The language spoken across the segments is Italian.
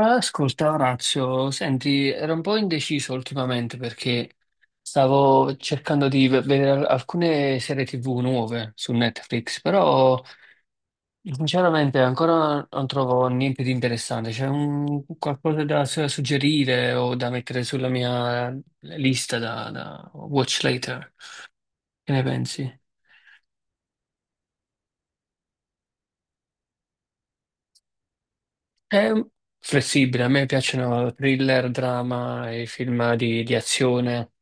Ascolta, Orazio, senti, ero un po' indeciso ultimamente perché stavo cercando di vedere alcune serie TV nuove su Netflix, però sinceramente ancora non trovo niente di interessante. C'è qualcosa da suggerire o da mettere sulla mia lista da watch later? Che ne pensi? È flessibile, a me piacciono thriller, drama e film di azione.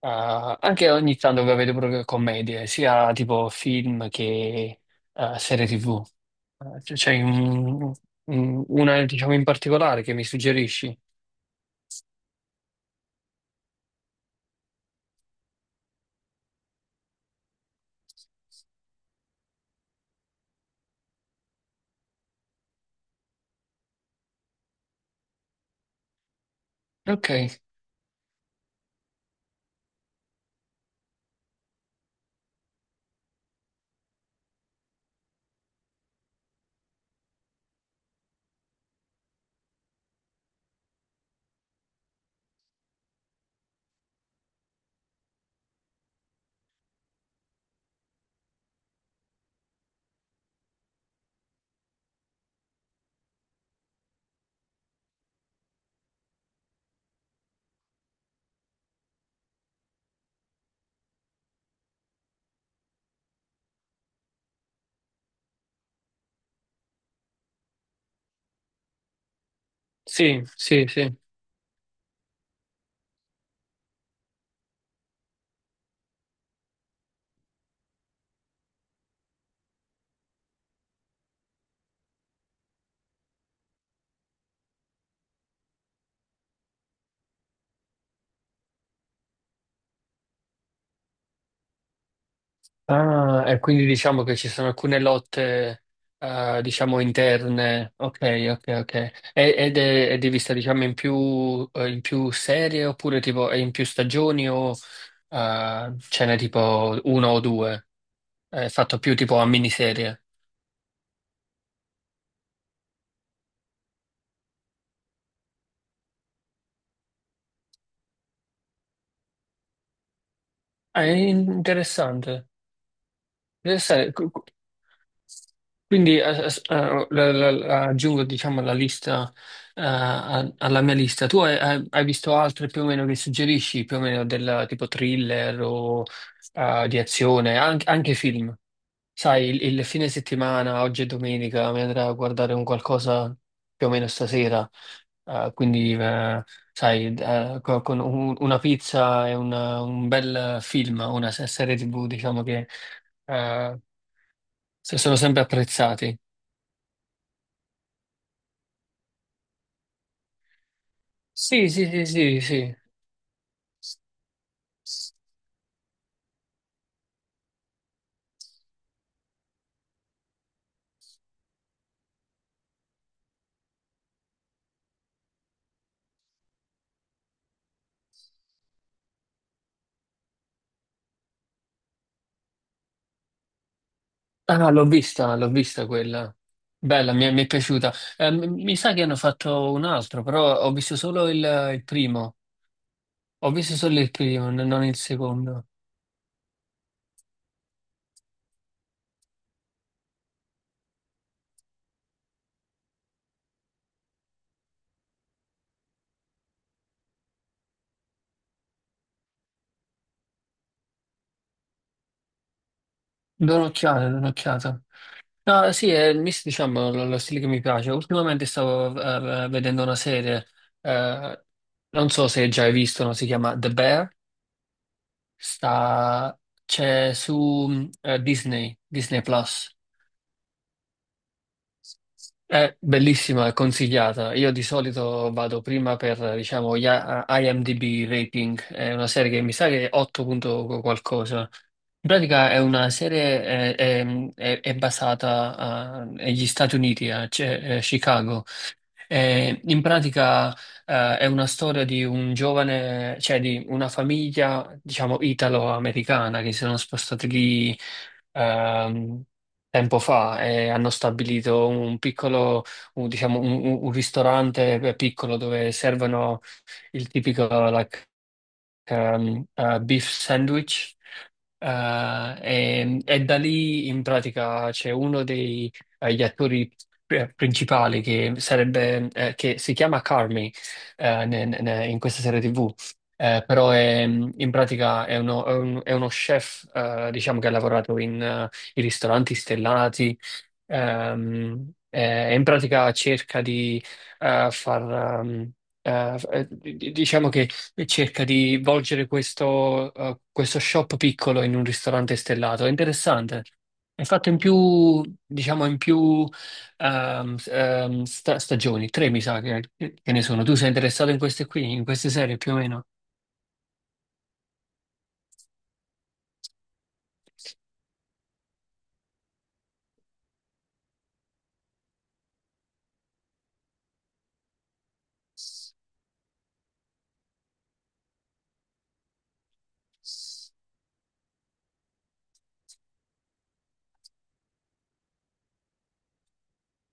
Ah, anche ogni tanto che vedo proprio commedie, sia tipo film che serie TV. Eh, c- C'è un- una, diciamo, in particolare che mi suggerisci? Ok, sì, sì, sì. Ah, e quindi diciamo che ci sono alcune lotte, diciamo, interne. Ok, ok, ok. Ed è di vista, diciamo, in più serie oppure tipo è in più stagioni o ce n'è tipo uno o due? È fatto più tipo a miniserie. Ah, è interessante. Interessante. Quindi aggiungo diciamo la lista alla mia lista. Tu hai visto altre più o meno che suggerisci, più o meno del tipo thriller o di azione, anche, anche film? Sai, il fine settimana, oggi è domenica, mi andrà a guardare un qualcosa più o meno stasera. Quindi, sai, con una pizza e un bel film, una serie TV, diciamo che eh, sono sempre apprezzati. Sì, sì, sì, sì, sì. Ah, no, l'ho vista quella. Bella, mi è piaciuta. Mi sa che hanno fatto un altro, però ho visto solo il primo. Ho visto solo il primo, non il secondo. Do un'occhiata, do un'occhiata. No, sì, è il mix, diciamo, lo stile che mi piace. Ultimamente stavo vedendo una serie, eh, non so se già hai visto, no? Si chiama The Bear, sta, c'è su Disney, Disney Plus. È bellissima, è consigliata. Io di solito vado prima per, diciamo, gli IMDb rating. È una serie che mi sa che è 8 punto qualcosa. In pratica è una serie, è, è basata, negli Stati Uniti, a cioè, Chicago. In pratica, è una storia di un giovane, cioè di una famiglia, diciamo, italo-americana che si sono spostati lì ehm, tempo fa e hanno stabilito un piccolo, diciamo, un ristorante piccolo dove servono il tipico like, beef sandwich. E da lì in pratica c'è uno degli attori principali che sarebbe che si chiama Carmi in questa serie TV. Però è, in pratica è uno, è uno chef, diciamo, che ha lavorato in, in ristoranti stellati, e in pratica cerca di eh, far, ehm, diciamo che e cerca di volgere questo, questo shop piccolo in un ristorante stellato. È interessante. È fatto in più, diciamo, in più stagioni, tre mi sa che ne sono. Tu sei interessato in queste qui, in queste serie più o meno?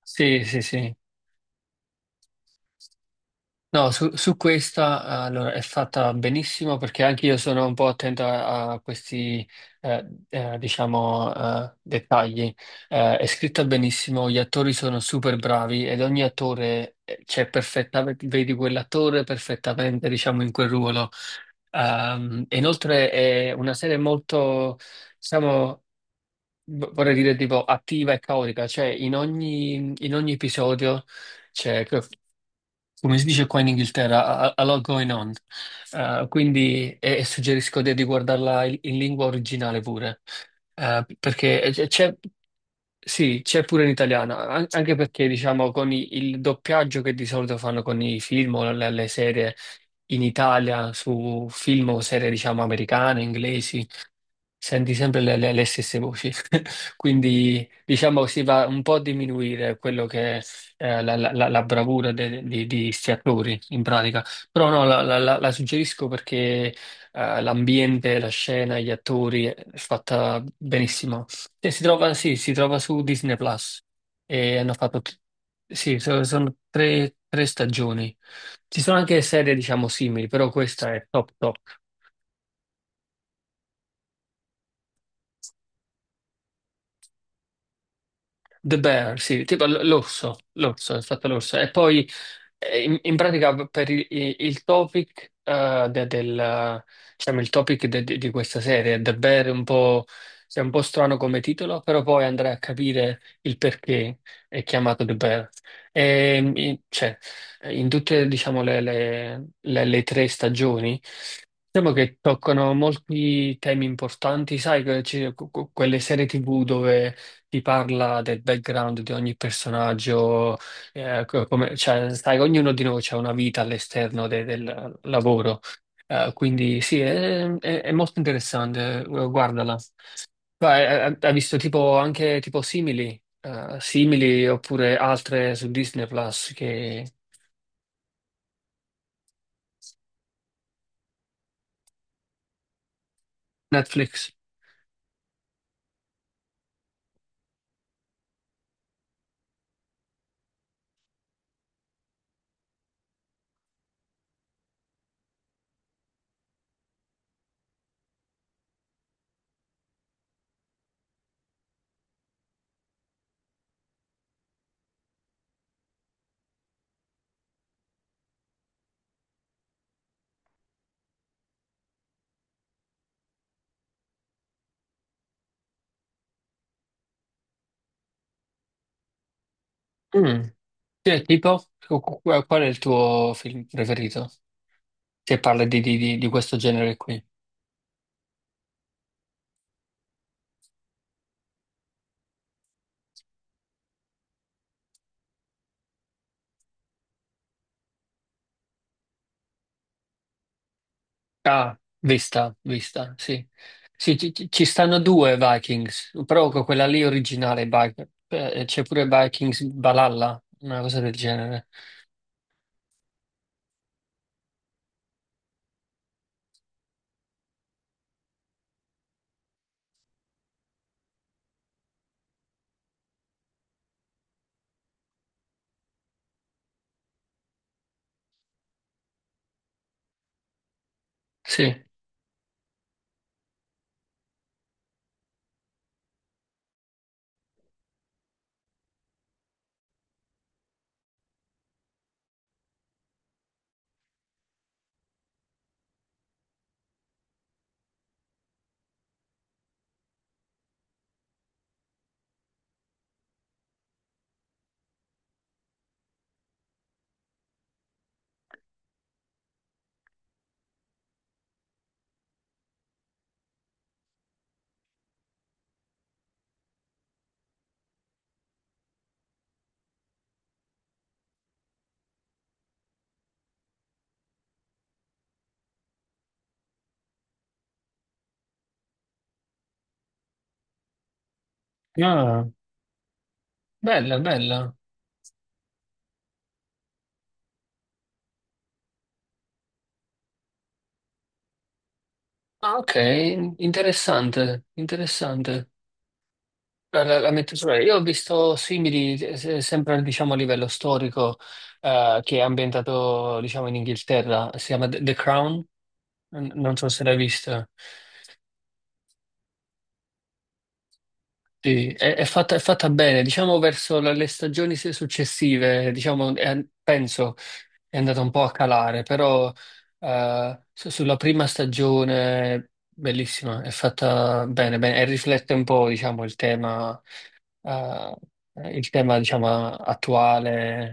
Sì, sì, sì. No, su, su questa allora, è fatta benissimo perché anche io sono un po' attento a questi, diciamo, dettagli. È scritta benissimo, gli attori sono super bravi ed ogni attore c'è perfettamente, vedi quell'attore perfettamente, diciamo, in quel ruolo. E inoltre è una serie molto, diciamo, vorrei dire tipo attiva e caotica, cioè in ogni episodio c'è, che- come si dice qua in Inghilterra, a lot going on. Quindi e suggerisco di guardarla in, in lingua originale pure. Perché sì, c'è pure in italiano, anche perché diciamo con il doppiaggio che di solito fanno con i film o le serie in Italia su film o serie, diciamo, americane, inglesi. Senti sempre le stesse voci, quindi diciamo si va un po' a diminuire quello che è la bravura di sti attori in pratica, però no, la suggerisco perché l'ambiente, la scena, gli attori è fatta benissimo. E si trova, sì, si trova su Disney Plus e hanno fatto, sì, sono tre, tre stagioni. Ci sono anche serie diciamo simili, però questa è top top. The Bear, sì, tipo l'orso, l'orso, è stato l'orso. E poi in, in pratica per il topic, del, diciamo, il topic di questa serie, The Bear è un po', sì, è un po' strano come titolo, però poi andrai a capire il perché è chiamato The Bear. E, mm, cioè, in tutte, diciamo, le tre stagioni diciamo che toccano molti temi importanti, sai, quelle serie TV dove ti parla del background di ogni personaggio, come, cioè, sai, ognuno di noi ha una vita all'esterno del lavoro. Quindi sì, è, è molto interessante, guardala. Ma, hai visto tipo anche tipo simili, simili oppure altre su Disney Plus che Netflix? Cioè, tipo, qual è il tuo film preferito? Se parla di, di questo genere qui. Ah, vista, vista, sì. Sì, ci, ci stanno due Vikings, però con quella lì originale, c'è pure Vikings Valhalla, una cosa del genere. Sì. Ah, bella, bella. Ah, ok, interessante, interessante. La metto sulla- Io ho visto simili, sempre diciamo, a livello storico, che è ambientato diciamo, in Inghilterra. Si chiama The Crown. Non so se l'hai vista. Sì, è fatta bene, diciamo verso le stagioni successive, diciamo, è- penso è andata un po' a calare, però sulla prima stagione bellissima, è fatta bene, bene, e riflette un po', diciamo, il tema. Eh, il tema, diciamo, attuale.